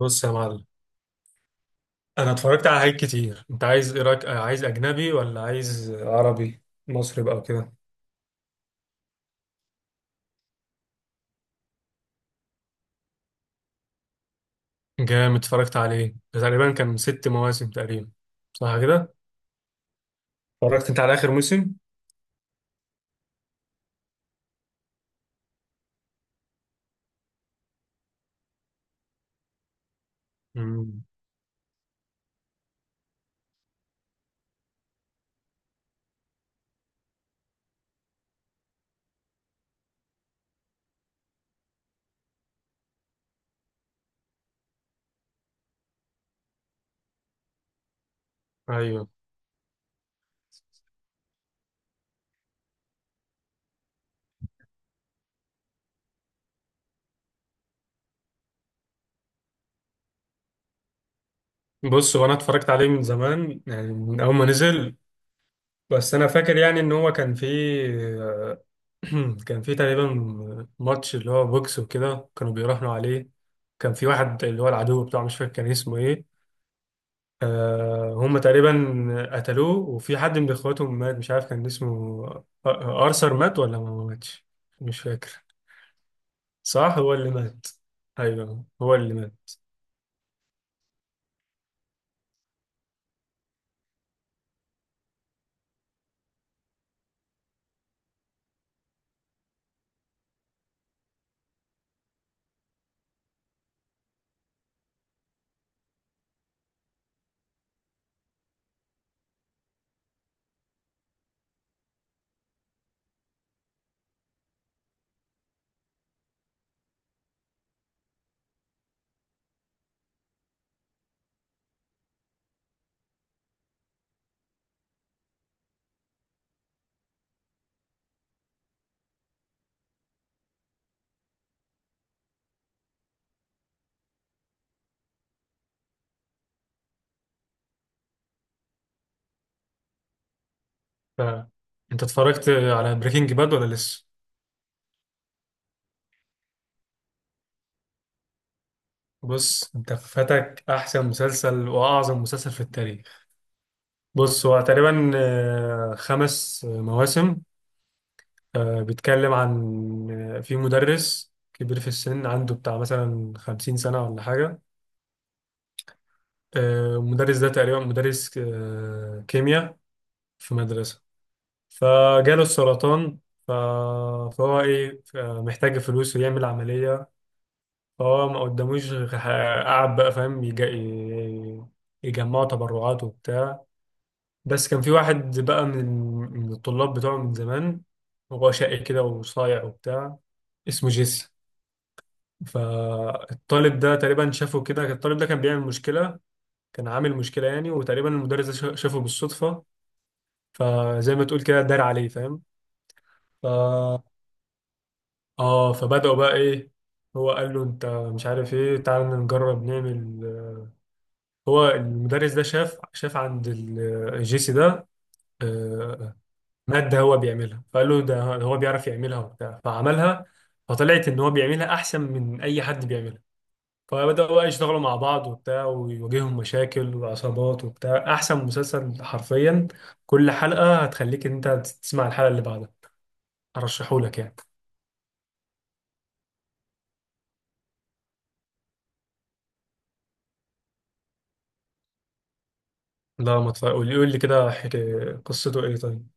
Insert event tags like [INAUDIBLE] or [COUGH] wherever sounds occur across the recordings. بص يا معلم، انا اتفرجت على حاجات كتير. انت عايز ايه، رايك عايز اجنبي ولا عايز عربي مصري بقى وكده؟ جامد، اتفرجت عليه. ده تقريبا كان 6 مواسم تقريبا، صح كده. اتفرجت انت على اخر موسم؟ امم. ايوه. بص، هو انا اتفرجت عليه من زمان، يعني من اول ما نزل، بس انا فاكر يعني ان هو كان فيه آه، [CLEARS THROAT] كان فيه تقريبا ماتش، اللي هو بوكس، وكده كانوا بيراهنوا عليه. كان في واحد اللي هو العدو بتاعه، مش فاكر كان اسمه ايه. هم تقريبا قتلوه، وفي حد من اخواتهم مات، مش عارف كان اسمه ارثر، مات ولا ما ماتش؟ مش فاكر. صح، هو اللي مات. ايوه، هو اللي مات. ف... انت اتفرجت على بريكنج باد ولا لسه؟ بص، انت فاتك احسن مسلسل واعظم مسلسل في التاريخ. بص، هو تقريبا خمس مواسم. بيتكلم عن في مدرس كبير في السن، عنده بتاع مثلا 50 سنة ولا حاجة. المدرس ده تقريبا مدرس كيمياء في مدرسة. فجاله السرطان. ف- فهو ايه، محتاج فلوس ويعمل عملية. فهو ما قداموش غير قعد بقى فاهم، يجمعوا تبرعات وبتاع. بس كان في واحد بقى من الطلاب بتوعه من زمان، هو شقي كده وصايع وبتاع، اسمه جيسي. فالطالب ده تقريبا شافه كده، الطالب ده كان بيعمل مشكلة، كان عامل مشكلة يعني. وتقريبا المدرس ده شافه بالصدفة، فزي ما تقول كده دار عليه، فاهم. ف اه فبدأوا بقى ايه، هو قال له انت مش عارف ايه، تعال نجرب نعمل. هو المدرس ده شاف عند الجيسي ده آه، مادة هو بيعملها، فقال له ده هو بيعرف يعملها وبتاع، فعملها، فطلعت ان هو بيعملها احسن من اي حد بيعملها. فبدأوا بقى يشتغلوا مع بعض وبتاع، ويواجههم مشاكل وعصابات وبتاع. احسن مسلسل حرفيا، كل حلقة هتخليك ان انت تسمع الحلقة اللي بعدها. ارشحهولك يعني. لا، ما تف- قول لي كده، قصته ايه طيب؟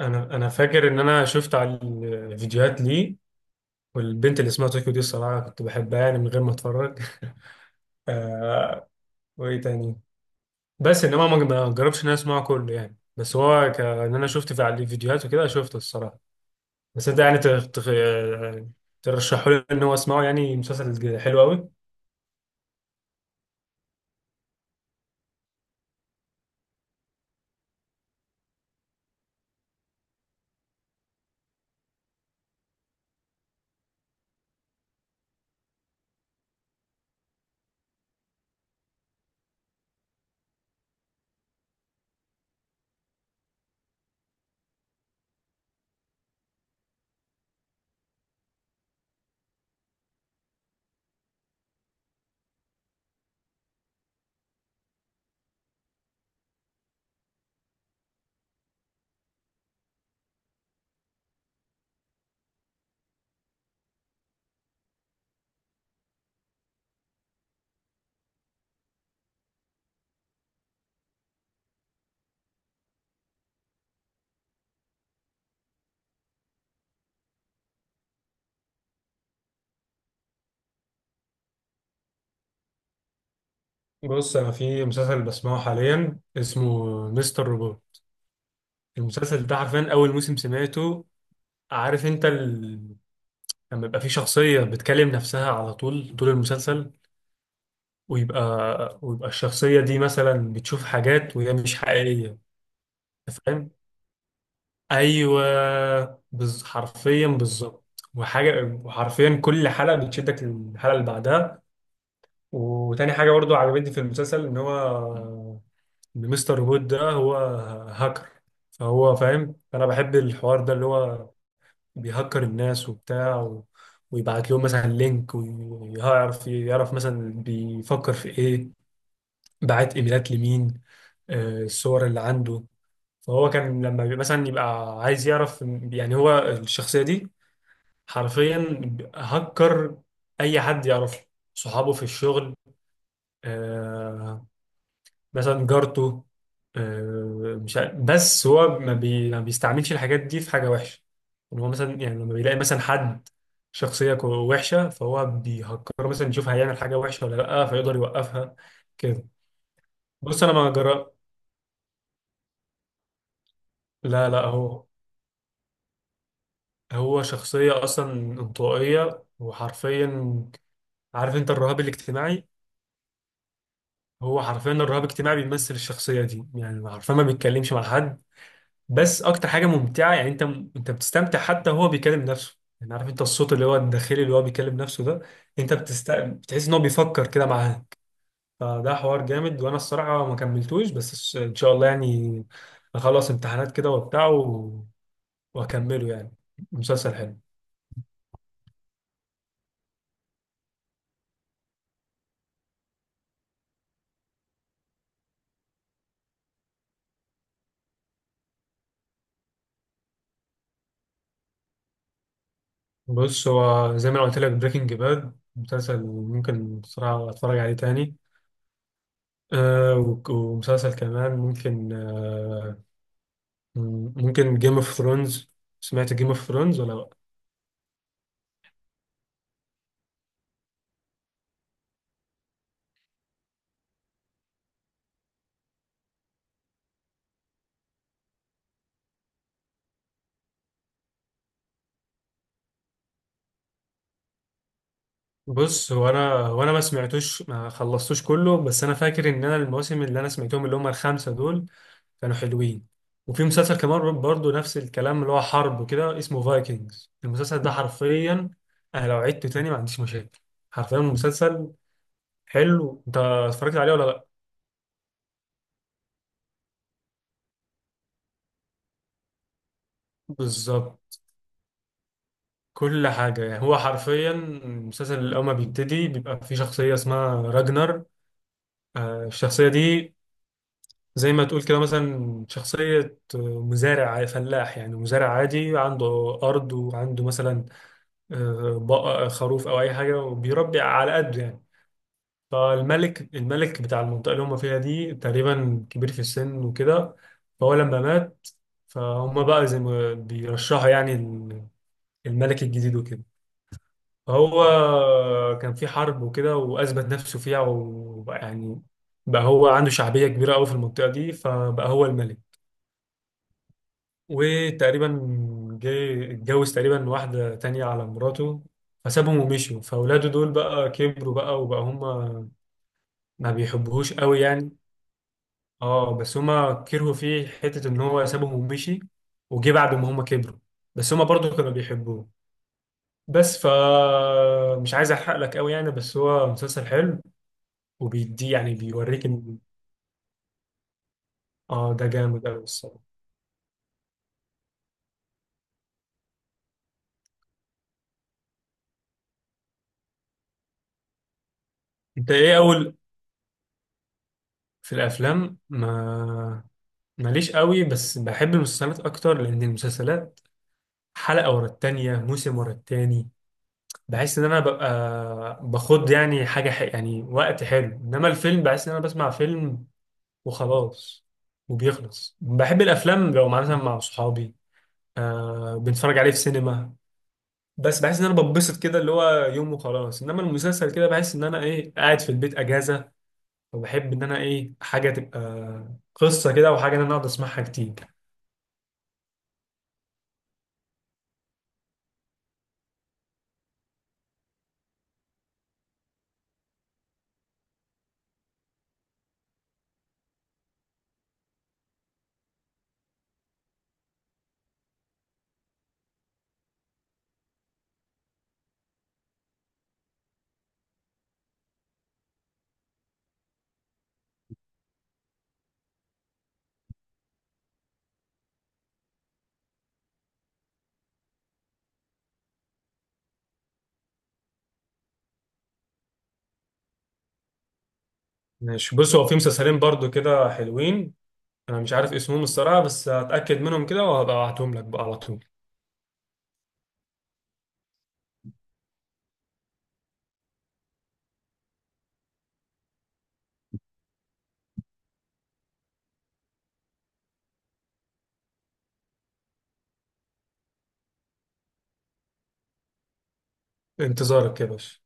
انا فاكر ان انا شفت على الفيديوهات ليه، والبنت اللي اسمها طوكيو دي الصراحه كنت بحبها يعني من غير ما اتفرج. [LAUGHS] آه وايه تاني، بس انما ما جربتش ان انا اسمعه كله يعني. بس هو ان انا شفت في على الفيديوهات وكده، شفته الصراحه. بس انت يعني ترشحوا لي ان هو اسمعه، يعني مسلسل حلو قوي. بص، انا في مسلسل بسمعه حاليا، اسمه مستر روبوت. المسلسل ده حرفيا اول موسم سمعته. عارف انت، لما يبقى في شخصية بتكلم نفسها على طول طول المسلسل، ويبقى الشخصية دي مثلا بتشوف حاجات وهي مش حقيقية. أنت فاهم؟ أيوه. حرفيا بالظبط. وحاجة، وحرفيا كل حلقة بتشدك للحلقة اللي بعدها. وتاني حاجة برضو عجبتني في المسلسل إن هو، إن مستر وود ده هو هاكر. فهو فاهم، أنا بحب الحوار ده اللي هو بيهكر الناس وبتاع ويبعت لهم مثلا لينك، ويعرف مثلا بيفكر في ايه، بعت ايميلات لمين، الصور اللي عنده. فهو كان لما مثلا يبقى عايز يعرف، يعني هو الشخصية دي حرفيا هكر، اي حد يعرفه، صحابه في الشغل، آه، مثلا جارته. مش عارف، بس هو ما بيستعملش الحاجات دي في حاجة وحشة. ان هو مثلا يعني لما بيلاقي مثلا حد شخصية وحشة، فهو بيهكره مثلا يشوف هيعمل حاجة وحشة ولا لأ، فيقدر يوقفها كده. بص، أنا ما جرى، لا لا، هو هو شخصية أصلا انطوائية، وحرفيا عارف أنت الرهاب الاجتماعي؟ هو حرفيا الرهاب الاجتماعي بيمثل الشخصية دي، يعني حرفيا ما بيتكلمش مع حد. بس اكتر حاجه ممتعه يعني، انت بتستمتع، حتى هو بيكلم نفسه. يعني عارف انت الصوت اللي هو الداخلي اللي هو بيكلم نفسه ده، انت بتحس ان هو بيفكر كده معاه. فده حوار جامد، وانا الصراحه ما كملتوش، بس ان شاء الله يعني، اخلص امتحانات كده وبتاع واكمله يعني. مسلسل حلو. بص، هو زي ما أنا قلت لك، بريكنج باد مسلسل ممكن بصراحه اتفرج عليه تاني. ومسلسل كمان ممكن جيم اوف ثرونز. سمعت جيم اوف ثرونز ولا لأ؟ بص، هو انا ما سمعتوش ما خلصتوش كله، بس انا فاكر ان انا المواسم اللي انا سمعتهم اللي هم الخمسه دول كانوا حلوين. وفي مسلسل كمان برضو نفس الكلام، اللي هو حرب وكده، اسمه فايكنجز. المسلسل ده حرفيا انا لو عدته تاني ما عنديش مشاكل، حرفيا مسلسل حلو. انت اتفرجت عليه ولا لا؟ بالظبط. كل حاجه يعني، هو حرفيا المسلسل الاول ما بيبتدي بيبقى في شخصيه اسمها راجنر. الشخصيه دي زي ما تقول كده مثلا شخصية مزارع فلاح يعني، مزارع عادي، عنده أرض، وعنده مثلا بقى خروف أو أي حاجة، وبيربي على قده يعني. فالملك بتاع المنطقة اللي هم فيها دي تقريبا كبير في السن وكده، فهو لما مات، فهم بقى زي ما بيرشحوا يعني الملك الجديد وكده. فهو كان في حرب وكده، وأثبت نفسه فيها، وبقى يعني بقى هو عنده شعبية كبيرة أوي في المنطقة دي، فبقى هو الملك. وتقريبا جه، اتجوز تقريبا واحدة تانية على مراته، فسابهم ومشوا. فأولاده دول بقى كبروا بقى، وبقى هما ما بيحبوهوش قوي يعني. اه، بس هما كرهوا فيه حتة إن هو سابهم ومشي، وجه بعد ما هما كبروا، بس هما برضه كانوا بيحبوه. بس مش عايز أحرق لك قوي يعني، بس هو مسلسل حلو وبيدي يعني بيوريك إن. اه، ده جامد قوي الصراحة. أنت إيه أول، في الأفلام ما ماليش قوي، بس بحب المسلسلات اكتر، لان المسلسلات حلقه ورا التانيه، موسم ورا التاني. بحس ان انا ببقى باخد يعني حاجه يعني وقت حلو، انما الفيلم بحس ان انا بسمع فيلم وخلاص وبيخلص. بحب الافلام لو مثلا مع صحابي، بنتفرج عليه في سينما، بس بحس ان انا ببسط كده اللي هو يوم وخلاص. انما المسلسل كده بحس ان انا ايه قاعد في البيت اجازه، وبحب ان انا ايه حاجه تبقى قصه كده، وحاجه ان انا اقعد اسمعها كتير. ماشي. بص، هو في مسلسلين برضو كده حلوين، انا مش عارف اسمهم الصراحه، بس هتاكد منهم كده وهبقى ابعتهم لك بقى على طول. انتظارك يا باشا.